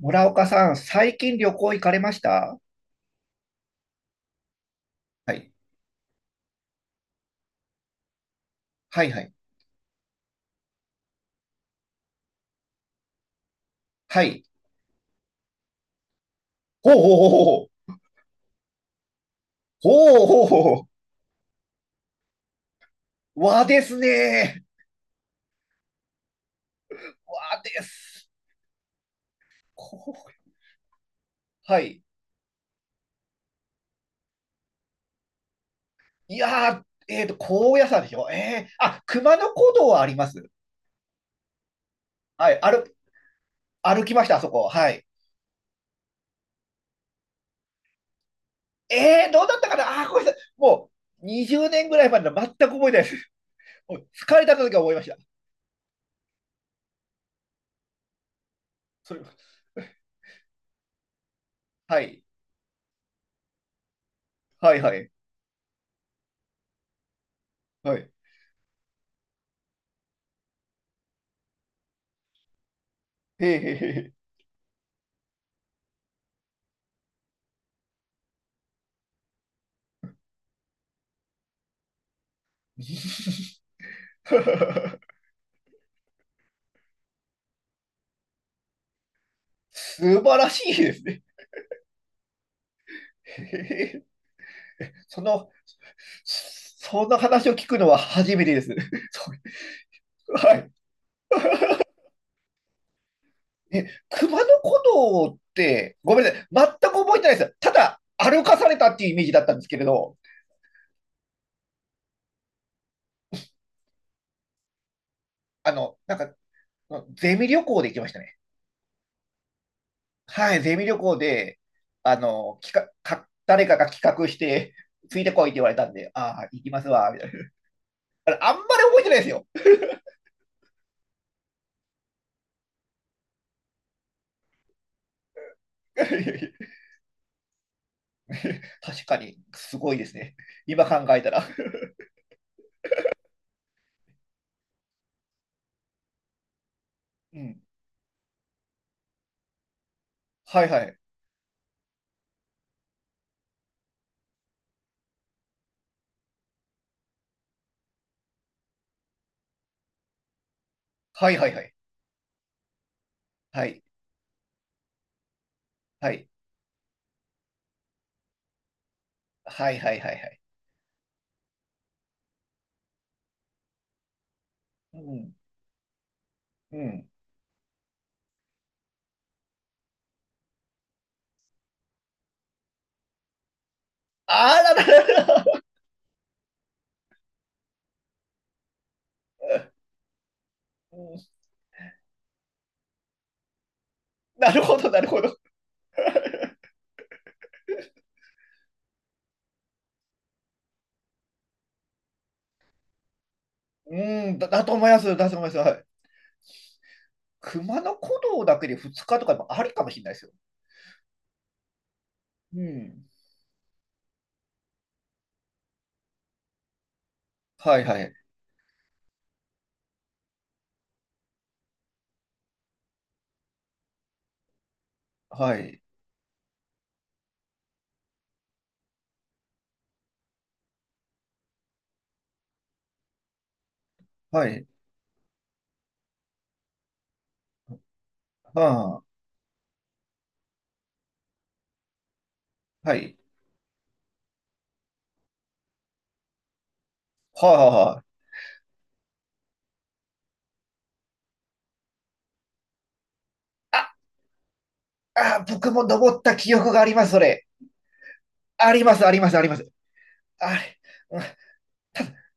村岡さん、最近旅行行かれましたはい。はい、はい。はい。ほうほうほうほう。ほうほうほうほう。和ですね。和です。こうはい。いやー、高野山でしょあ、熊野古道はあります。はい。歩きました、あそこ。はい。どうだったかなあー、ごめんなさい。20年ぐらい前の全く覚えてないです。もう疲れた時は思いました。それ、はい。はい、はい。はい。へーへーへー。素晴らしいですね。その、そんな話を聞くのは初めてです。はい。え、熊野古道って、ごめんなさい。全く覚えてないです。ただ、歩かされたっていうイメージだったんですけれど、あの、なんか、ゼミ旅行で行きましたね。はい、ゼミ旅行で、あの、企画、か、誰かが企画して、ついてこいって言われたんで、ああ、行きますわ、みたいな。あれあんまり覚えてないですよ。確かに、すごいですね。今考えたら。うん。はいはい。はいはいはい。はい。はい。はいはいはいはい。うん。うん。ああ、なるほど。うんなるほど、なるほど。だと思います。だと思います。はい。熊野古道だけで2日とかもありかもしれないですよ。うん。はいはい。はい。はい。はあ、はい。はあ、はあ、はあ。あ、あ、僕も登った記憶があります、それ。あります、あります、あります。あれ。うん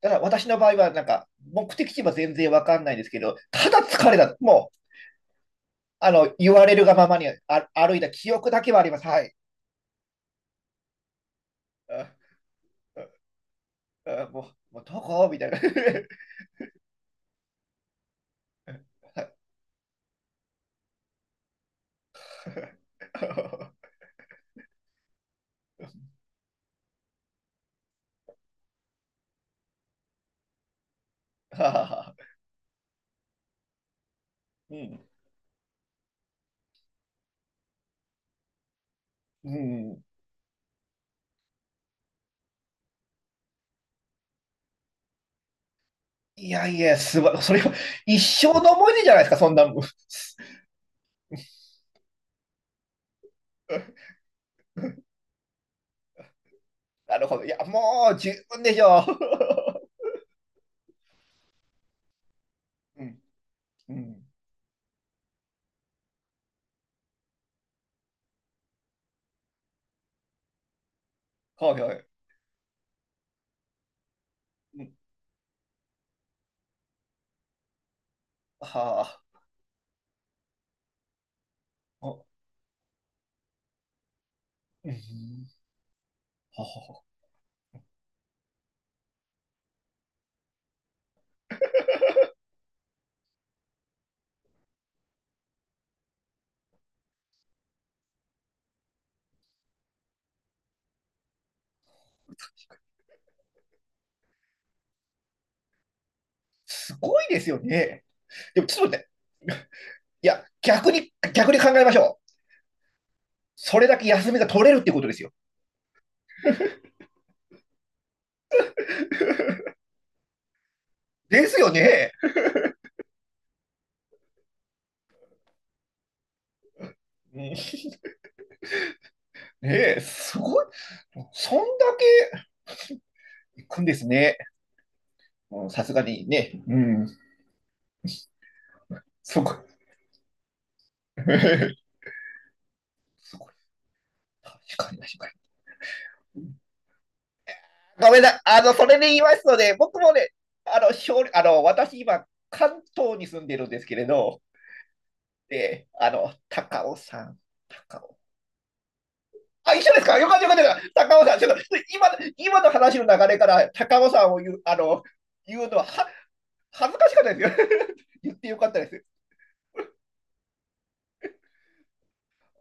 だから私の場合は、なんか、目的地は全然わかんないんですけど、ただ疲れだ。もう、あの、言われるがままにあ歩いた記憶だけはあります。はい。ああもう、もうどこみたいな。はあうん。うん。いやいや、それは一生の思い出じゃないですか、そんなもん。なるほど。いや、もう十分でしょう。うん。うん。はいはい。うん。はあ。あうん。はあすごいですよね。でも、ちょっと待って。いや、逆に、逆に考えましょう。それだけ休みが取れるってことですよ。ですよね。ねえ、すごい。そんだけ行くんですね。もうさすがにね。うん。すごい。すごい。確かに。ごめんなさい。あの、それで言いますので、僕もね、あの、勝利あの私今、関東に住んでるんですけれど、で、あの、高尾。あ、一緒ですかよかったよかった高尾さん、ちょっと今の話の流れから高尾さんを言う、あの、言うのはは恥ずかしかったですよ。言ってよかったです。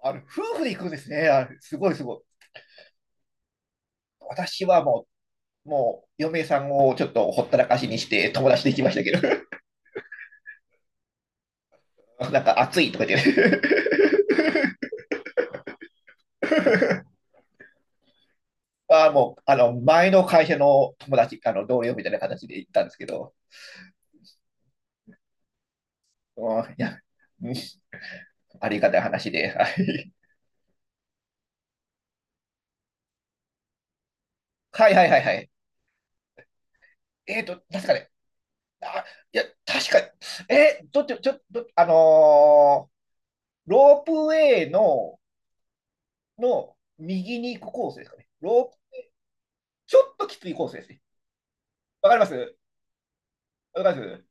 あの、夫婦で行くんですね。あ、すごいすごい。私はもう、もう、嫁さんをちょっとほったらかしにして友達で行きましたけど、なんか暑いとか言って あ、もう、あの、前の会社の友達、あの、同僚みたいな形で行ったんですけど、うん、いや、うんありがたい話で。はい はいはいはいはい。えっーと、確かね。あ、いや、確かに。えー、どっち、ちょ、とあのーロープウェイの、の右に行くコースですかね。ロープ、ちょっときついコースですね。わかります大丈夫。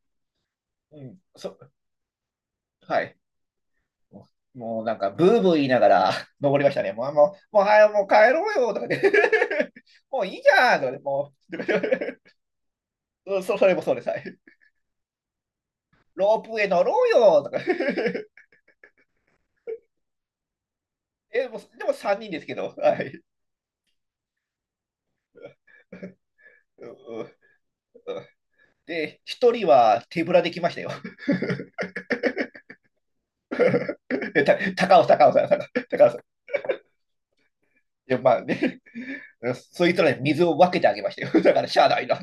うん、そ、はい。ももうなんか、ブーブー言いながら 登りましたね。もう、もう、もう、はい、もう帰ろうよとかで もういいじゃんとかで、もう、とかで それもそうです。はい。ロープウェイ乗ろうよとか え、もう、でも3人ですけど、はい。うんうんうんで、1人は手ぶらで来ましたよ。えた高尾、高尾さん、高高尾さん。いや、まあね、うんそいつらに水を分けてあげましたよ。だから、しゃあないな。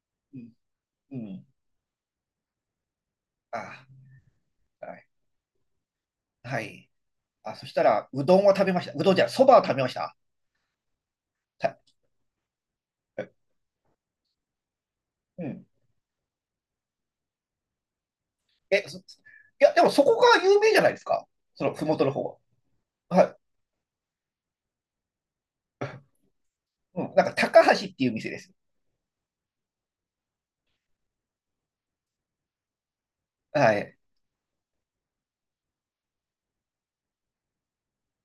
うん。うん。ああ、はい。はい。あ、そしたら、うどんを食べました。うどんじゃない、そばを食べました。たえうん。いや、でもそこが有名じゃないですか。その、ふもとの方は。はい。うん。なんか、高橋っていう店です。はい。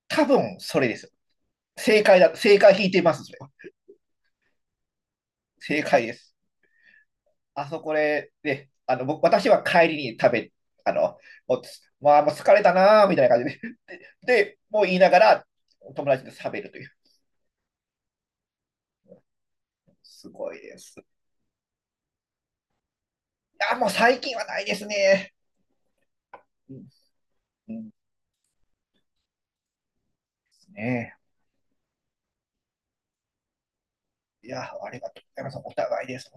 多分、それです。正解だ。正解引いてます、それは。正解です。あそこで、ね、私は帰りに食べ、あの、もうつ、まあ、もう疲れたなーみたいな感じで。で、もう言いながら、友達と食べるという。すごいです。いや、もう最近はないですね。うん、うんですね。いや、ありがとうございます。お互いです。